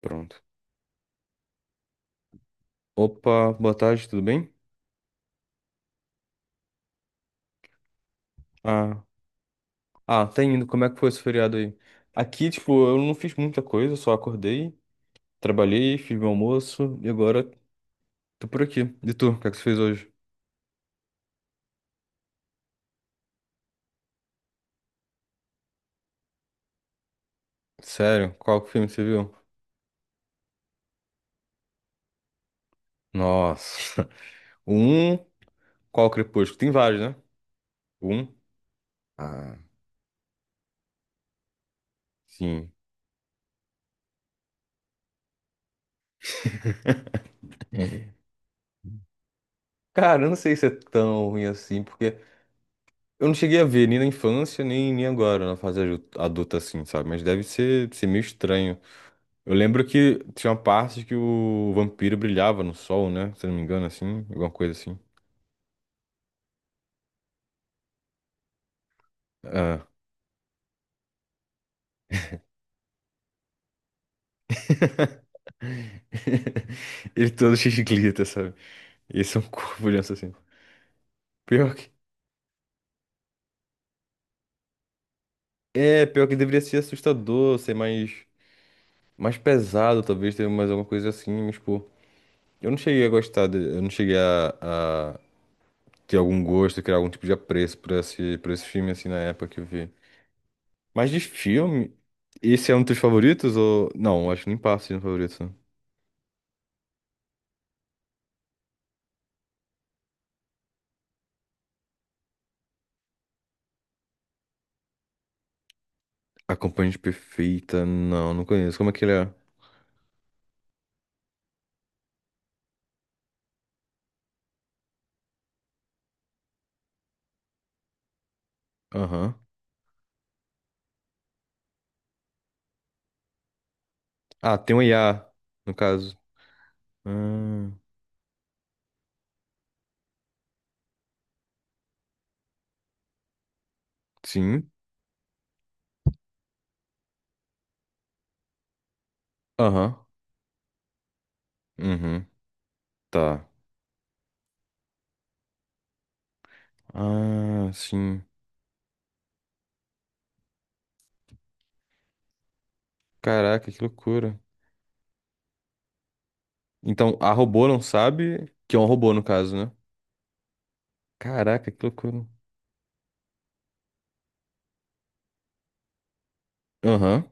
Pronto. Opa, boa tarde, tudo bem? Ah, tá indo. Como é que foi esse feriado aí? Aqui, tipo, eu não fiz muita coisa, só acordei, trabalhei, fiz meu almoço e agora tô por aqui. E tu, o que é que você fez hoje? Sério? Qual filme você viu? Nossa. O Um, qual Crepúsculo? Tem vários, né? O Um, Ah, sim. Cara, eu não sei se é tão ruim assim, porque eu não cheguei a ver nem na infância, nem agora, na fase adulta assim, sabe? Mas deve ser meio estranho. Eu lembro que tinha uma parte que o vampiro brilhava no sol, né? Se eu não me engano, assim, alguma coisa assim. Ah. Ele todo cheio de glitter, sabe? Esse é um corpo de um assassino. Pior que. É, pior que deveria ser assustador, ser mais. Mais pesado, talvez, ter mais alguma coisa assim, mas, pô. Eu não cheguei a gostar, eu não cheguei a ter algum gosto, criar algum tipo de apreço por esse filme, assim, na época que eu vi. Mas de filme, esse é um dos teus favoritos ou. Não, acho que nem passa de um favorito. Né? Acompanhante perfeita. Não, não conheço. Como é que ele é? Aham. Ah, tem um IA, no caso. Ah, sim. Aham. Uhum. Tá. Ah, sim. Caraca, que loucura. Então, a robô não sabe que é um robô, no caso, né? Caraca, que loucura. Aham.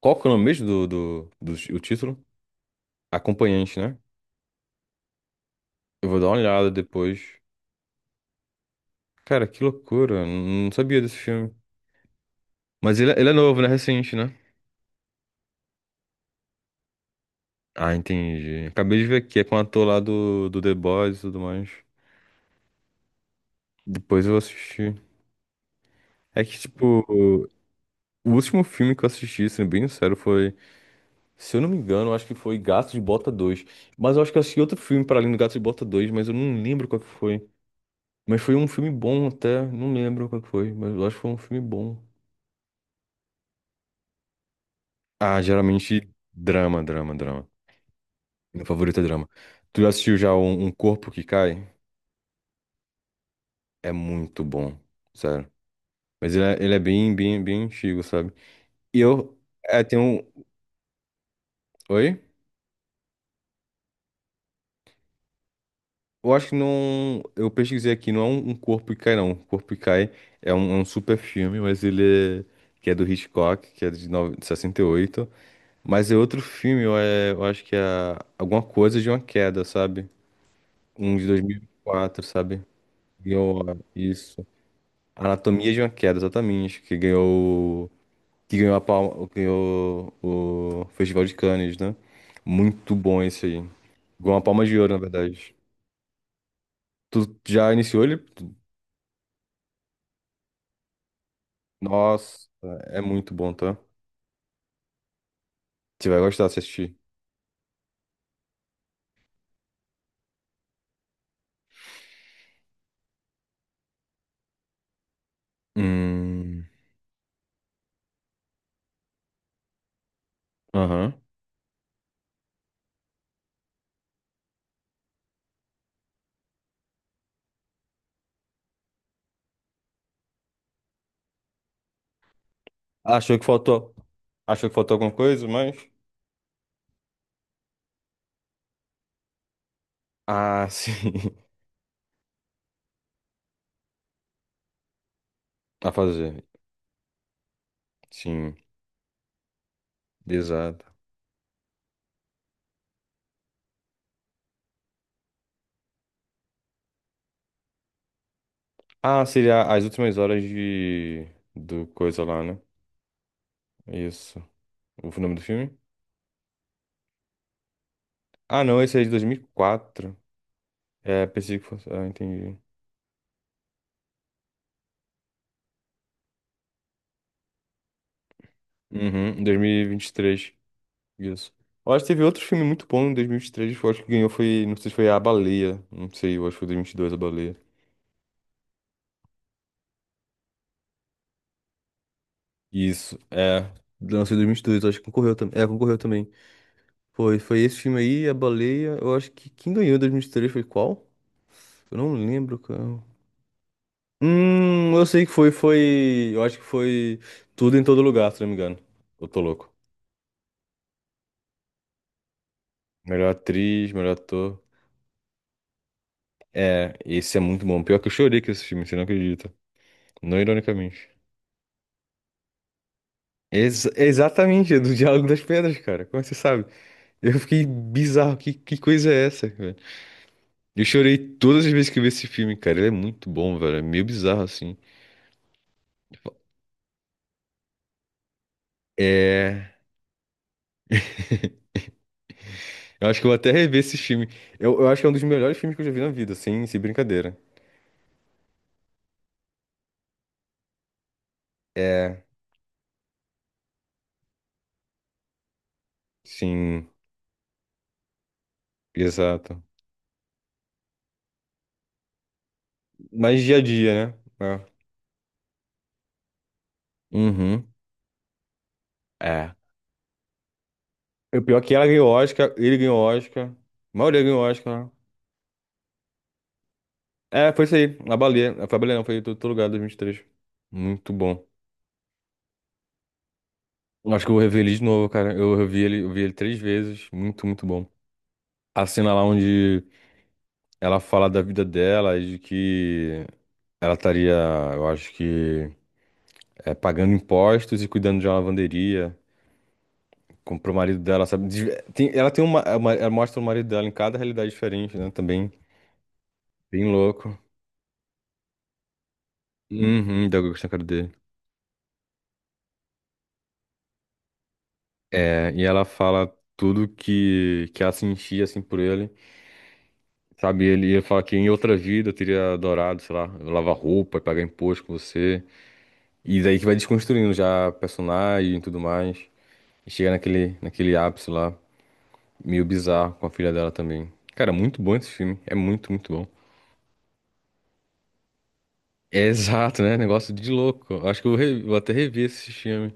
Qual que é o nome mesmo do o título? Acompanhante, né? Eu vou dar uma olhada depois. Cara, que loucura. Não sabia desse filme. Mas ele é novo, né? Recente, né? Ah, entendi. Acabei de ver aqui, é com o ator lá do The Boys e tudo mais. Depois eu assisti. É que, tipo, o último filme que eu assisti, sendo bem sincero, foi, se eu não me engano, eu acho que foi Gato de Bota dois. Mas eu acho que eu assisti outro filme para além do Gato de Bota dois, mas eu não lembro qual que foi. Mas foi um filme bom até, não lembro qual que foi, mas eu acho que foi um filme bom. Ah, geralmente drama, drama, drama. Meu favorito é drama. Tu já assistiu já um Corpo que Cai? É muito bom, sério. Mas ele é bem, bem, bem antigo, sabe? E eu, tem um. Oi? Eu acho que não. Eu pesquisei aqui, não é um Corpo e Cai, não. Um Corpo e Cai é um super filme, mas ele é. Que é do Hitchcock, que é de 68. Mas é outro filme, eu acho que é alguma coisa de uma queda, sabe? Um de 2004, sabe? Ganhou, ah, isso. Anatomia de uma queda, exatamente. Que ganhou. Que ganhou a palma. Ganhou o Festival de Cannes, né? Muito bom esse aí. Ganhou uma palma de ouro, na verdade. Tu já iniciou ele? Nossa, é muito bom, tá? Você vai gostar de assistir. Hum. Aham. Achou que faltou. Achou que faltou alguma coisa, mas. Ah, sim. A fazer. Sim, exato. Ah, seria as últimas horas de. Do coisa lá, né? Isso. O nome do filme? Ah, não, esse é de 2004. É, pensei que fosse. Ah, entendi. Uhum, 2023. Isso. Eu acho que teve outro filme muito bom em 2023, que eu acho que ganhou foi, não sei se foi A Baleia, não sei, eu acho que foi 2022 A Baleia. Isso, é, lançou em 2022, eu acho que concorreu também. É, concorreu também. Foi esse filme aí, A Baleia, eu acho que quem ganhou em 2023 foi qual? Eu não lembro, cara. Eu sei que foi, eu acho que foi Tudo em Todo Lugar, se não me engano. Eu tô louco. Melhor atriz, melhor ator. É, esse é muito bom. Pior que eu chorei com esse filme, você não acredita. Não ironicamente. Exatamente, é do Diálogo das Pedras, cara. Como é você sabe? Eu fiquei bizarro. Que coisa é essa, velho? Eu chorei todas as vezes que eu vi esse filme, cara. Ele é muito bom, velho. É meio bizarro, assim. É. Eu acho que eu vou até rever esse filme. Eu acho que é um dos melhores filmes que eu já vi na vida, sem brincadeira. É, sim, exato. Mas dia a dia, né? É. Uhum. É. O pior é que ela ganhou Oscar, ele ganhou Oscar. A maioria ganhou Oscar. Né? É, foi isso aí. A baleia. Foi a baleia, não, foi em todo lugar 2023. Muito bom. Acho que eu vou rever ele de novo, cara. Eu revi ele, eu vi ele três vezes. Muito, muito bom. A cena lá onde ela fala da vida dela e de que ela estaria, eu acho que, pagando impostos e cuidando de uma lavanderia. Comprou o marido dela, sabe? Ela tem Ela mostra o marido dela em cada realidade diferente, né? Também bem louco. Uhum, da Gostei, cara dele. É, e ela fala tudo que ela sentia, assim, por ele. Sabe, ele ia falar que em outra vida eu teria adorado, sei lá, lavar roupa, pagar imposto com você. E daí que vai desconstruindo já a personagem e tudo mais. E chega naquele ápice lá, meio bizarro, com a filha dela também. Cara, muito bom esse filme. É muito, muito bom. É exato, né? Negócio de louco. Eu acho que eu vou até rever esse filme.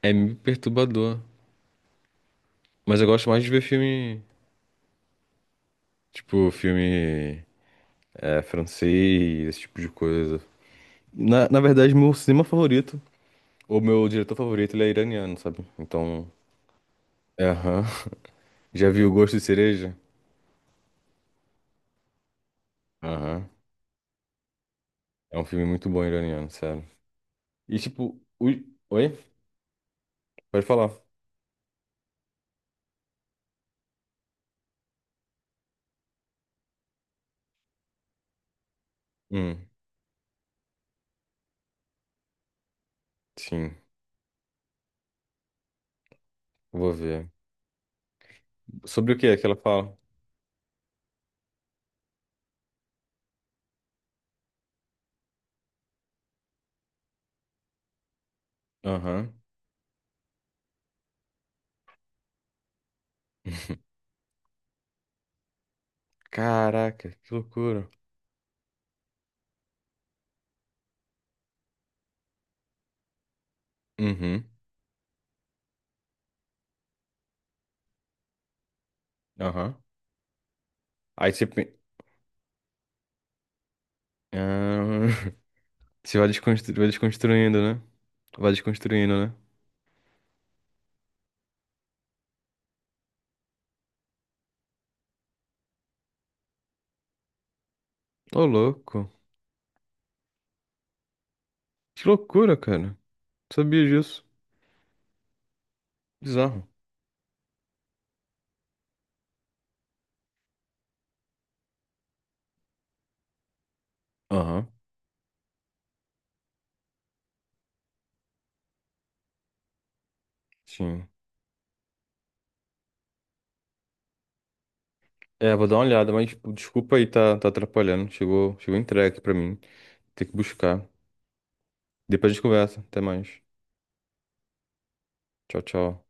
É meio perturbador. Mas eu gosto mais de ver filme, tipo, filme francês, esse tipo de coisa. Na verdade, meu cinema favorito. O meu diretor favorito, ele é iraniano, sabe? Então, aham. Já viu Gosto de Cereja? Aham. É um filme muito bom iraniano, sério. E tipo, ui... oi? Pode falar. Hum, sim, vou ver. Sobre o que é que ela fala? Aham. Caraca, que loucura. Uhum, aham. Aí você... pe- Ah, Você vai vai desconstruindo, né? Vai desconstruindo, né? Ô, louco. Que loucura, cara. Não sabia disso. Bizarro. Aham, sim. É, vou dar uma olhada, mas tipo, desculpa aí, tá atrapalhando. Chegou entregue pra mim. Tem que buscar. Depois a gente conversa. Até mais. Tchau, tchau.